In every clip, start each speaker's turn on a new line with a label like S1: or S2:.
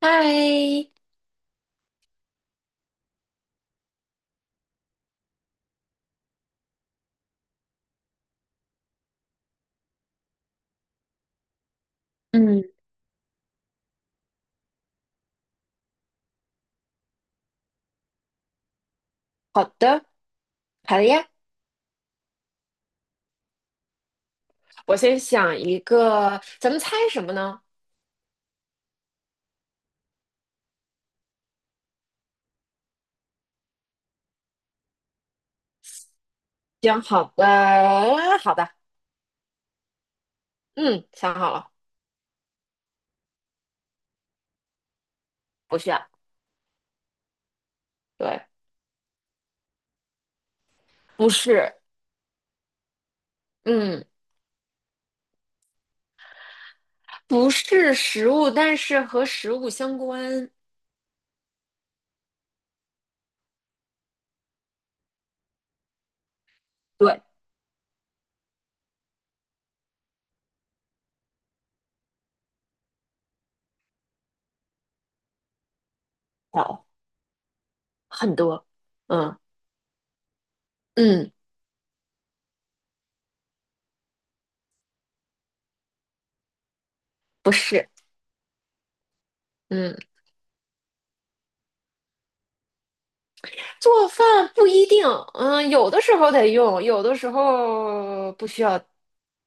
S1: 嗨，嗯，好的，好的呀。我先想一个，咱们猜什么呢？行，好的，好的，嗯，想好了，不需要。对，不是，嗯，不是食物，但是和食物相关。对，好，很多，嗯嗯，不是，嗯，做饭不一定，嗯，有的时候得用，有的时候不需要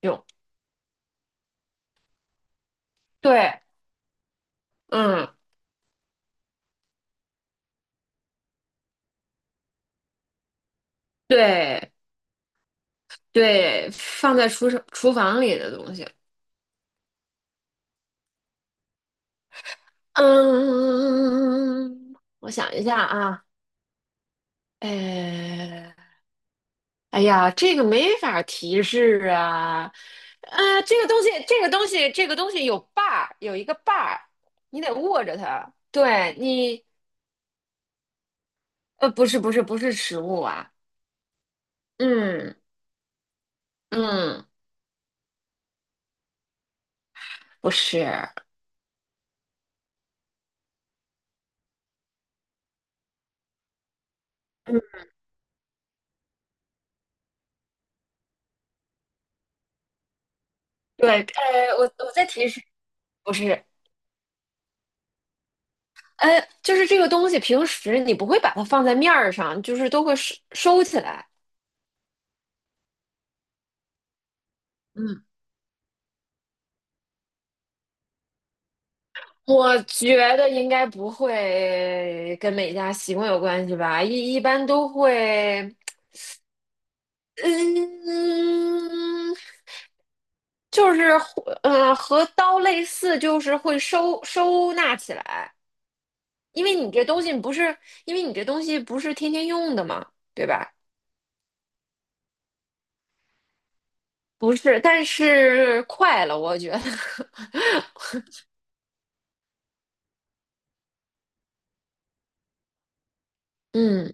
S1: 用。对，嗯，对，对，放在厨房里的东西。嗯，我想一下啊，哎，哎呀，这个没法提示啊。啊，这个东西，这个东西，这个东西有一个把儿，你得握着它。对你。不是，不是，不是食物啊。嗯嗯，不是，嗯，对，我再提示。不是，哎，就是这个东西，平时你不会把它放在面儿上，就是都会收起来。嗯，我觉得应该不会跟每家习惯有关系吧，一般都会。嗯，就是和刀类似，就是会收纳起来，因为你这东西不是，因为你这东西不是天天用的嘛，对吧？不是，但是快了，我觉得。嗯。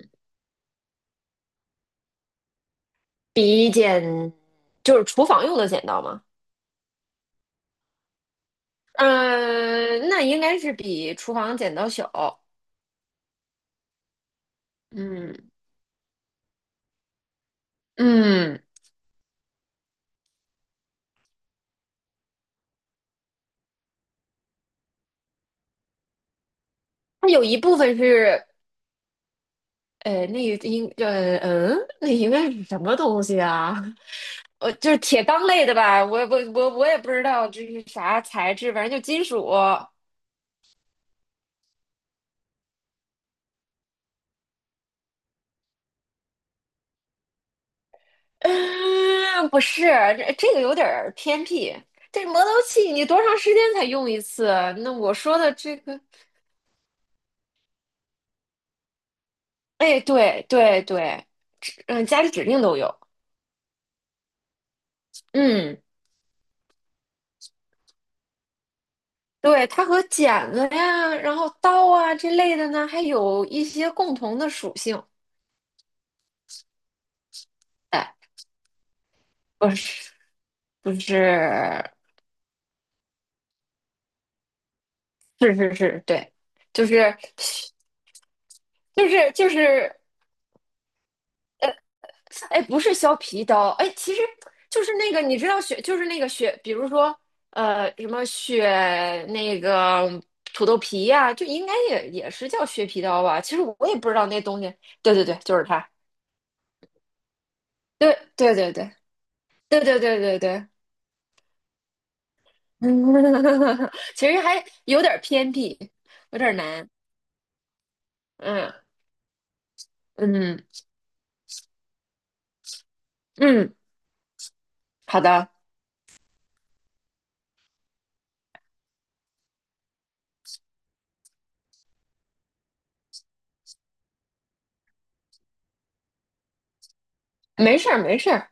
S1: 比剪就是厨房用的剪刀吗？嗯，那应该是比厨房剪刀小。嗯嗯，它有一部分是，呃，那个应呃嗯，那应该是什么东西啊？就是铁钢类的吧？我也不知道这是啥材质，反正就金属。嗯，不是，这个有点儿偏僻。这磨刀器你多长时间才用一次？那我说的这个。哎，对对对，家里指定都有。嗯，对，它和剪子呀，然后刀啊这类的呢，还有一些共同的属性。哎，不是不是，是是是，对，就是就是就是。呃，哎，不是削皮刀。哎，其实就是那个，你知道雪，就是那个雪，比如说，什么雪那个土豆皮呀，就应该也是叫削皮刀吧？其实我也不知道那东西。对对对，就是它。对对对对对对对对对。嗯，其实还有点儿偏僻，有点儿难。嗯嗯嗯，好的，没事儿没事儿。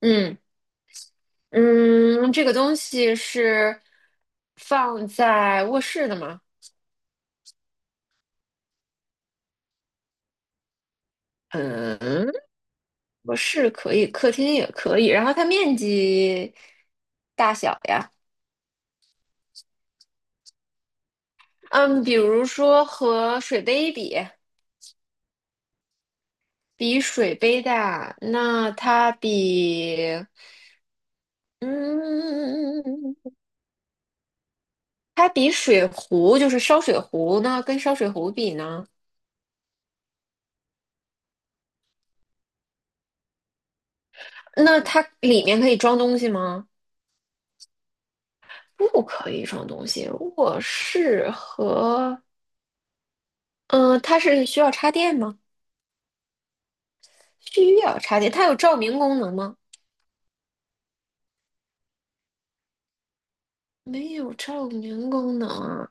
S1: 嗯嗯，这个东西是放在卧室的吗？嗯，我是可以，客厅也可以，然后它面积大小呀。嗯，比如说和水杯比，比水杯大，那它比，嗯，它比水壶，就是烧水壶，那跟烧水壶比呢？那它里面可以装东西吗？不可以装东西。我是和，嗯，它是需要插电吗？需要插电，它有照明功能吗？没有照明功能啊。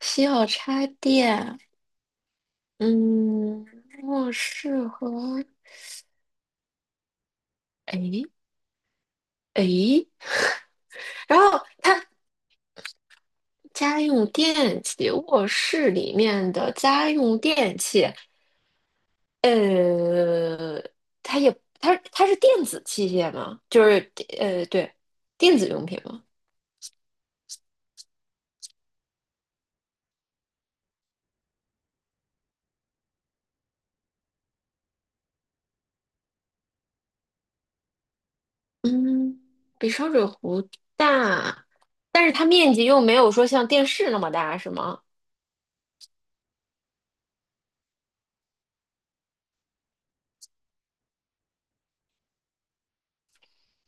S1: 需要插电。嗯，卧室和诶诶，然后它家用电器，卧室里面的家用电器。呃，它也它是电子器械吗？就是对，电子用品吗？嗯，比烧水壶大，但是它面积又没有说像电视那么大，是吗？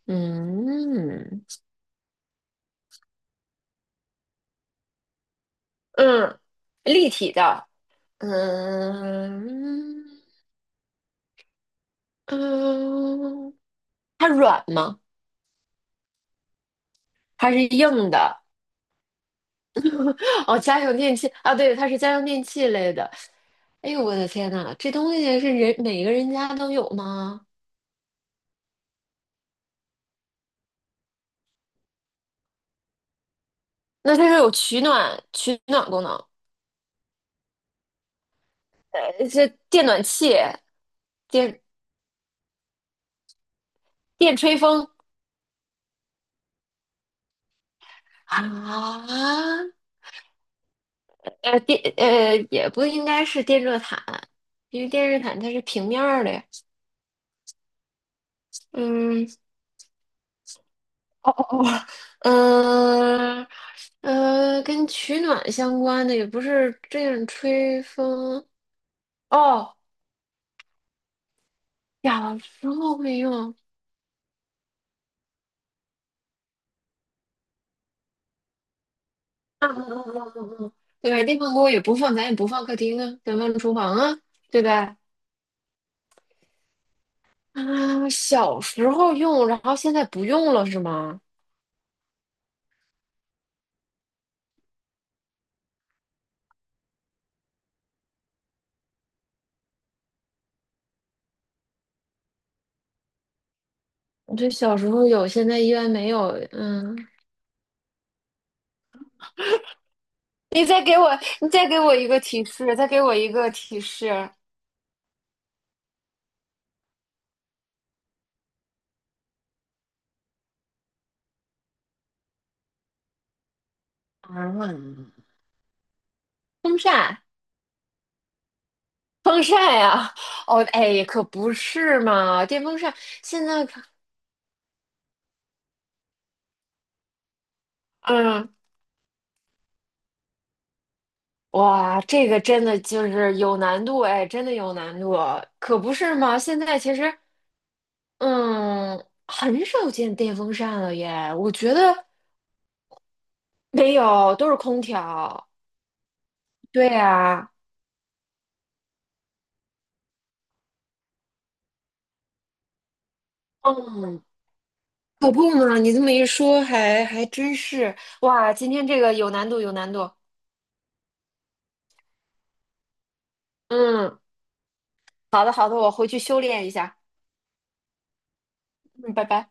S1: 嗯，嗯，立体的。嗯嗯，它软吗？它是硬的？哦，家用电器啊。对，它是家用电器类的。哎呦，我的天呐，这东西是每个人家都有吗？那它是有取暖功能。这电暖气，电电吹风啊。呃电呃也不应该是电热毯，因为电热毯它是平面儿的呀。嗯哦哦哦。嗯跟取暖相关的也不是这样吹风。哦，小时候会用？啊嗯嗯嗯嗯嗯，嗯对吧电饭锅也不放，咱也不放客厅啊，咱放厨房啊，对吧？啊，小时候用，然后现在不用了是吗？我这小时候有，现在依然没有。嗯，你再给我，你再给我一个提示，再给我一个提示。啊，风扇。风扇呀，哦，哎，可不是嘛。电风扇现在可嗯，哇，这个真的就是有难度，哎，真的有难度，可不是嘛，现在其实，嗯，很少见电风扇了耶，我觉得没有，都是空调。对呀，嗯，可不嘛，你这么一说还真是。哇，今天这个有难度，有难度。嗯，好的好的，我回去修炼一下。嗯，拜拜。